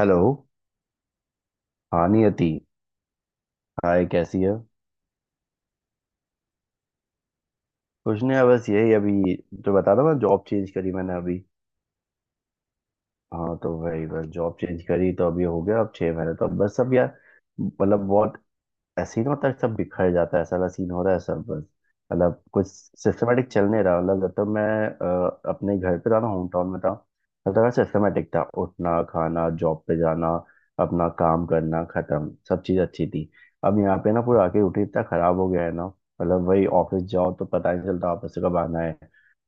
Hello. हाँ Niyati. Hi, कैसी है। कुछ नहीं, बस यही। अभी तो बता रहा ना, जॉब चेंज करी मैंने अभी। हाँ, तो वही बस। जॉब चेंज करी तो अभी हो गया, अब 6 महीने। तो बस अब यार, मतलब बहुत सीन होता है, सब बिखर जाता है, ऐसा वाला सीन हो रहा है सब बस। मतलब कुछ सिस्टमेटिक चल नहीं रहा। मतलब जब तक मैं अपने घर पे था ना, होम टाउन में था, तब तक सिस्टमेटिक था, उठना, खाना, जॉब पे जाना, अपना काम करना, खत्म। सब चीज़ अच्छी थी। अब यहाँ पे ना, पूरा आके रूटीन इतना खराब हो गया है ना। मतलब वही, ऑफिस जाओ तो पता नहीं चलता ऑफिस से कब आना है।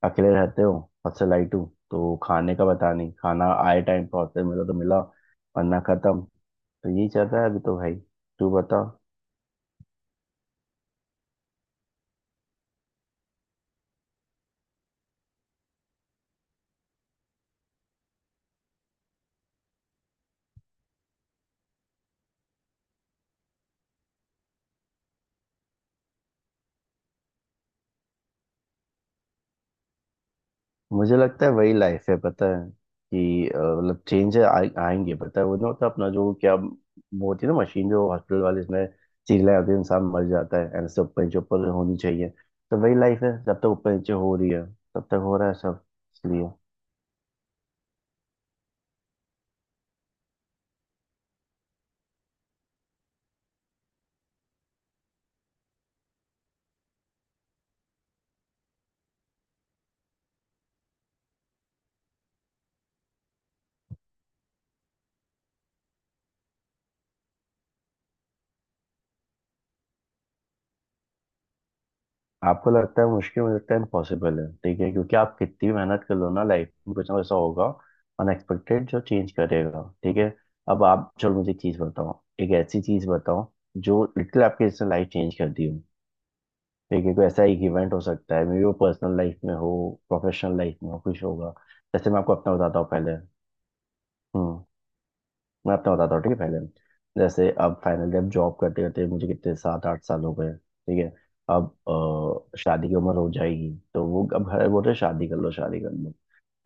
अकेले रहते हो, हॉस्टल लाइट हो, तो खाने का पता नहीं। खाना आए टाइम पर हॉस्टल, मिला तो मिला, वरना खत्म। तो यही चल रहा है अभी तो भाई। तू बता। मुझे लगता है वही लाइफ है पता है। कि मतलब चेंज आएंगे पता है। वो ना होता है अपना जो, क्या वो होती है ना मशीन, जो हॉस्पिटल वाले इसमें चीज ले आते हैं, इंसान मर जाता है, ऐसे ऊपर नीचे ऊपर होनी चाहिए। तो वही लाइफ है, जब तक ऊपर नीचे हो रही है तब तक हो रहा है सब। इसलिए। आपको लगता है मुश्किल, मुझे लगता है इम्पॉसिबल है। ठीक है, क्योंकि आप कितनी भी मेहनत कर लो ना, लाइफ में कुछ ना कुछ ऐसा होगा अनएक्सपेक्टेड जो चेंज करेगा। ठीक है। अब आप चलो, मुझे एक चीज बताओ, एक ऐसी चीज बताओ जो लिटिल आपके इसने लाइफ चेंज कर दी। देखिए, कोई ऐसा एक इवेंट हो सकता है, मे बी वो पर्सनल लाइफ में हो, प्रोफेशनल लाइफ में हो, कुछ होगा। जैसे मैं आपको अपना बताता हूँ पहले। हम्म। मैं अपना बताता हूँ, ठीक है, पहले। जैसे अब फाइनली, अब जॉब करते करते मुझे कितने 7 8 साल हो गए, ठीक है। अब शादी की उम्र हो जाएगी, तो वो अब घर बोल रहे शादी कर लो, शादी कर लो।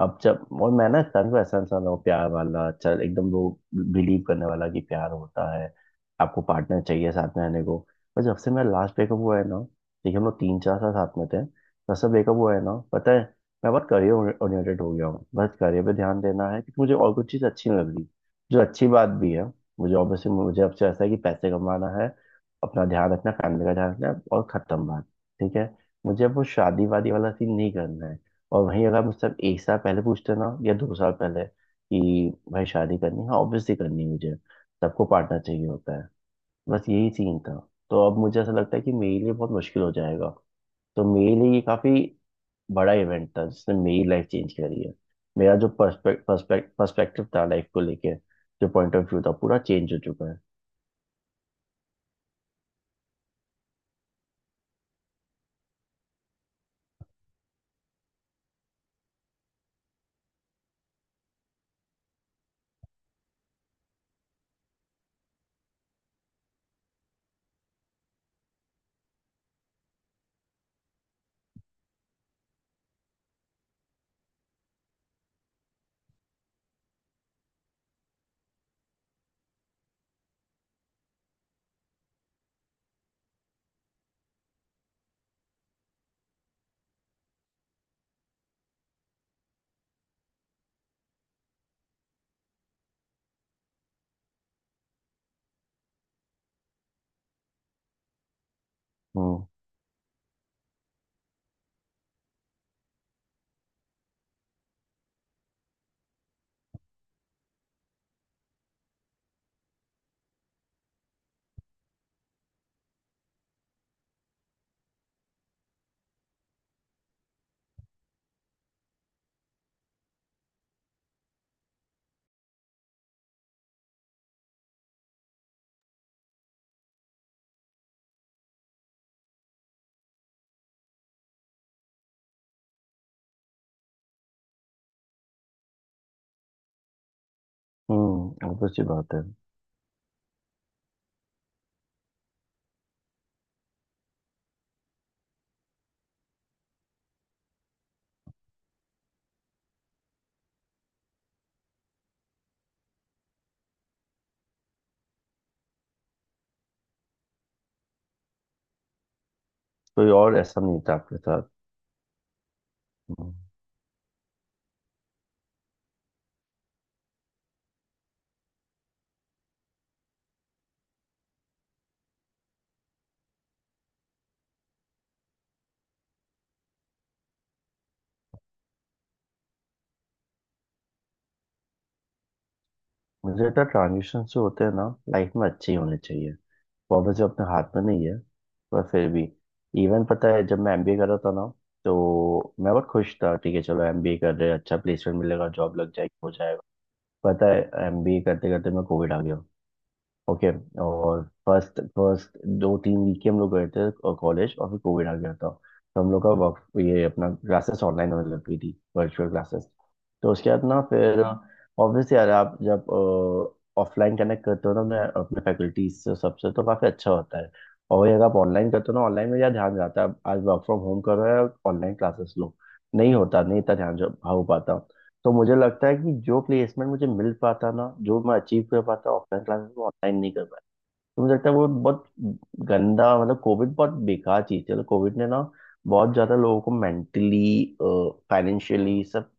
अब जब, और मैं ना इंसान को, ऐसा इंसान हूँ प्यार वाला, चल एकदम वो बिलीव करने वाला कि प्यार होता है, आपको पार्टनर चाहिए साथ में रहने को। पर जब से मेरा लास्ट ब्रेकअप हुआ है ना, देखिए, हम लोग 3 4 साल साथ में थे। जब से ब्रेकअप हुआ है ना, पता है, मैं बहुत करियर ओरिएंटेड हो गया हूँ। बस करियर पे ध्यान देना है, क्योंकि मुझे और कुछ चीज़ अच्छी नहीं लग रही, जो अच्छी बात भी है। मुझे ऑब्वियसली, मुझे अब से ऐसा है कि पैसे कमाना है, अपना ध्यान रखना, फैमिली का ध्यान रखना है, और खत्म बात। ठीक है, मुझे अब वो शादी वादी वाला सीन नहीं करना है। और वहीं अगर मुझसे आप एक साल पहले पूछते ना, या 2 साल पहले, कि भाई शादी करनी है, ऑब्वियसली करनी है मुझे, सबको पार्टनर चाहिए होता है, बस यही सीन था। तो अब मुझे ऐसा लगता है कि मेरे लिए बहुत मुश्किल हो जाएगा। तो मेरे लिए ये काफी बड़ा इवेंट था जिसने मेरी लाइफ चेंज करी है। मेरा जो पर्सपेक्ट पर्सपेक्ट पर्सपेक्टिव था लाइफ को लेके, जो पॉइंट ऑफ व्यू था, पूरा चेंज हो चुका है। हम्म। हम्म, ऑब्वियस सी बात है। कोई और ऐसा नहीं था आपके साथ? हम्म। मुझे लगता है ट्रांजिशन जो होते हैं ना लाइफ में, अच्छे ही होने चाहिए, वो जो अपने हाथ में नहीं है, पर फिर भी। इवन पता है, जब मैं MBA कर रहा था ना, तो मैं बहुत खुश था, ठीक है चलो, MBA कर रहे हैं, अच्छा प्लेसमेंट मिलेगा, जॉब लग जाएगी, हो जाएगा। पता है, MBA करते करते मैं कोविड आ गया। ओके। और फर्स्ट फर्स्ट 2 3 वीक के हम लोग गए थे कॉलेज, और फिर कोविड आ गया था। तो हम लोग का वर्क, ये अपना क्लासेस ऑनलाइन होने लग गई थी, वर्चुअल क्लासेस। तो उसके बाद ना, फिर ऑब्वियसली यार, आप जब ऑफलाइन कनेक्ट करते हो ना अपने अपने फैकल्टीज से, सबसे, तो काफ़ी अच्छा होता है। और वही अगर आप ऑनलाइन करते हो ना, ऑनलाइन में ज़्यादा ध्यान जाता है। आप आज वर्क फ्रॉम होम कर रहे हो, ऑनलाइन क्लासेस लो, नहीं होता, नहीं इतना ध्यान जो हो पाता। तो मुझे लगता है कि जो प्लेसमेंट मुझे मिल पाता ना, जो मैं अचीव कर पाता ऑफलाइन क्लासेस में, ऑनलाइन नहीं कर पाया। तो मुझे लगता है वो बहुत गंदा, मतलब कोविड बहुत बेकार चीज थी। मतलब कोविड ने ना बहुत ज्यादा लोगों को मेंटली, फाइनेंशियली सब,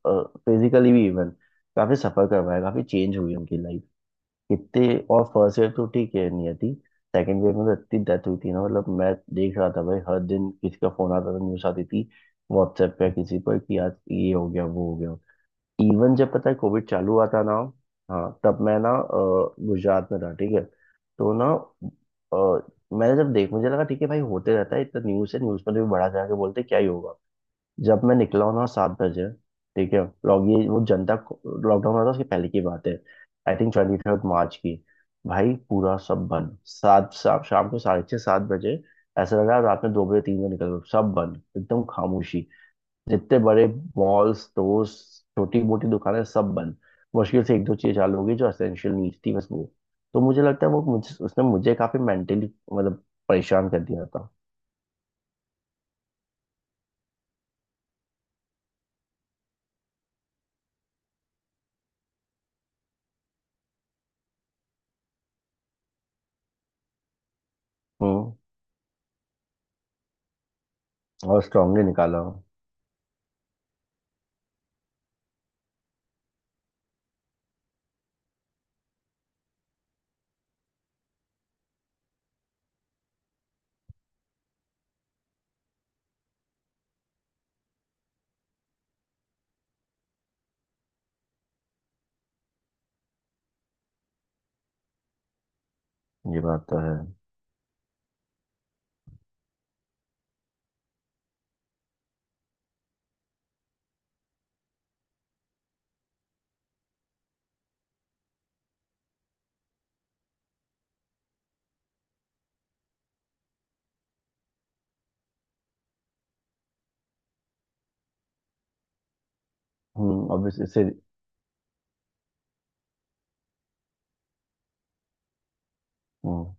फिजिकली भी इवन, काफी सफर करवाया, काफी चेंज हुई उनकी लाइफ। कितने, और फर्स्ट ईयर तो ठीक है नहीं थी, सेकेंड ईयर में तो इतनी डेथ हुई थी ना, मतलब मैं देख रहा था भाई, हर दिन किसी का फोन आता था, न्यूज आती थी व्हाट्सएप पे किसी पर कि आज ये हो गया वो हो गया। इवन जब पता है कोविड चालू हुआ था ना, हाँ, तब मैं ना गुजरात में था, ठीक है। तो ना अ, मैंने जब देख, मुझे लगा ठीक है भाई, होते रहता है, इतना न्यूज़ है, न्यूज़ पर भी बड़ा जाके बोलते क्या ही होगा। जब मैं निकला हूँ ना 7 बजे, ठीक है। लॉग ये वो जनता लॉकडाउन हुआ था, उसके पहले की बात है। आई थिंक 23 मार्च की। भाई पूरा सब बंद, शाम को साढ़े छः सात बजे। ऐसा लगा रात में 2 बजे 3 बजे निकल गए, सब बंद, एकदम खामोशी। जितने बड़े मॉल्स, स्टोर्स, छोटी मोटी दुकानें सब बंद। मुश्किल से एक दो चीज चालू होगी जो एसेंशियल नीड थी, बस वो। तो मुझे लगता है वो, मुझे उसने मुझे काफी मेंटली मतलब परेशान कर दिया था। हम्म, और स्ट्रांगली निकाला हूँ। ये बात तो है। हम्म। अब इससे। हम्म,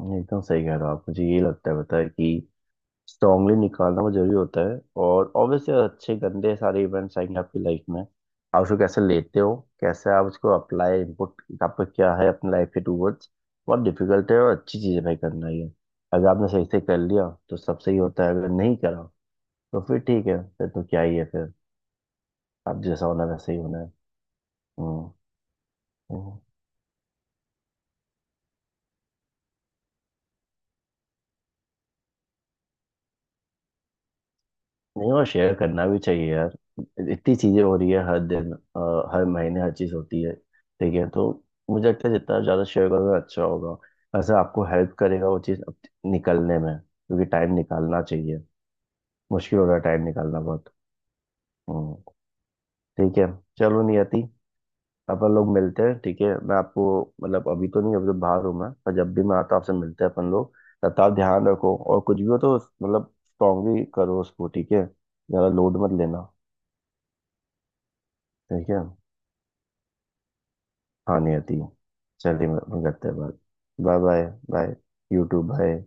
ये एकदम सही कह रहे हो आप। मुझे ये लगता है पता है, कि स्ट्रांगली निकालना वो जरूरी होता है। और ऑब्वियसली अच्छे गंदे सारे इवेंट्स आएंगे आपकी लाइफ में, आप उसको कैसे लेते हो, कैसे आप उसको अप्लाई, इनपुट आपका क्या है अपनी लाइफ के टूवर्ड्स। बहुत डिफिकल्ट है, और अच्छी चीज़ है भाई करना ये। अगर आपने सही से कर लिया तो सब सही होता है, अगर नहीं करा तो फिर ठीक है, फिर तो क्या ही है, फिर आप जैसा होना है वैसे ही होना है। हम्म। हम्म। नहीं, वो शेयर करना भी चाहिए यार। इतनी चीजें हो रही है हर दिन, हर महीने, हर चीज होती है, ठीक है। तो मुझे लगता है जितना ज्यादा शेयर करोगे अच्छा होगा। ऐसा आपको हेल्प करेगा वो चीज अब निकलने में, क्योंकि टाइम निकालना चाहिए, मुश्किल हो रहा है टाइम निकालना बहुत। हम्म। ठीक है। चलो नियति, अपन लोग मिलते हैं, ठीक है। मैं आपको, मतलब अभी तो नहीं, अभी तो बाहर हूँ मैं, पर जब भी मैं आता हूँ आपसे मिलते हैं अपन लोग। तब आप ध्यान रखो, और कुछ भी हो तो मतलब स्ट्रांगली करो उसको, ठीक है। ज्यादा लोड मत लेना। ठीक है। हाँ नियति, चलिए मैं करते हैं बात। Bye bye. Bye. YouTube, bye.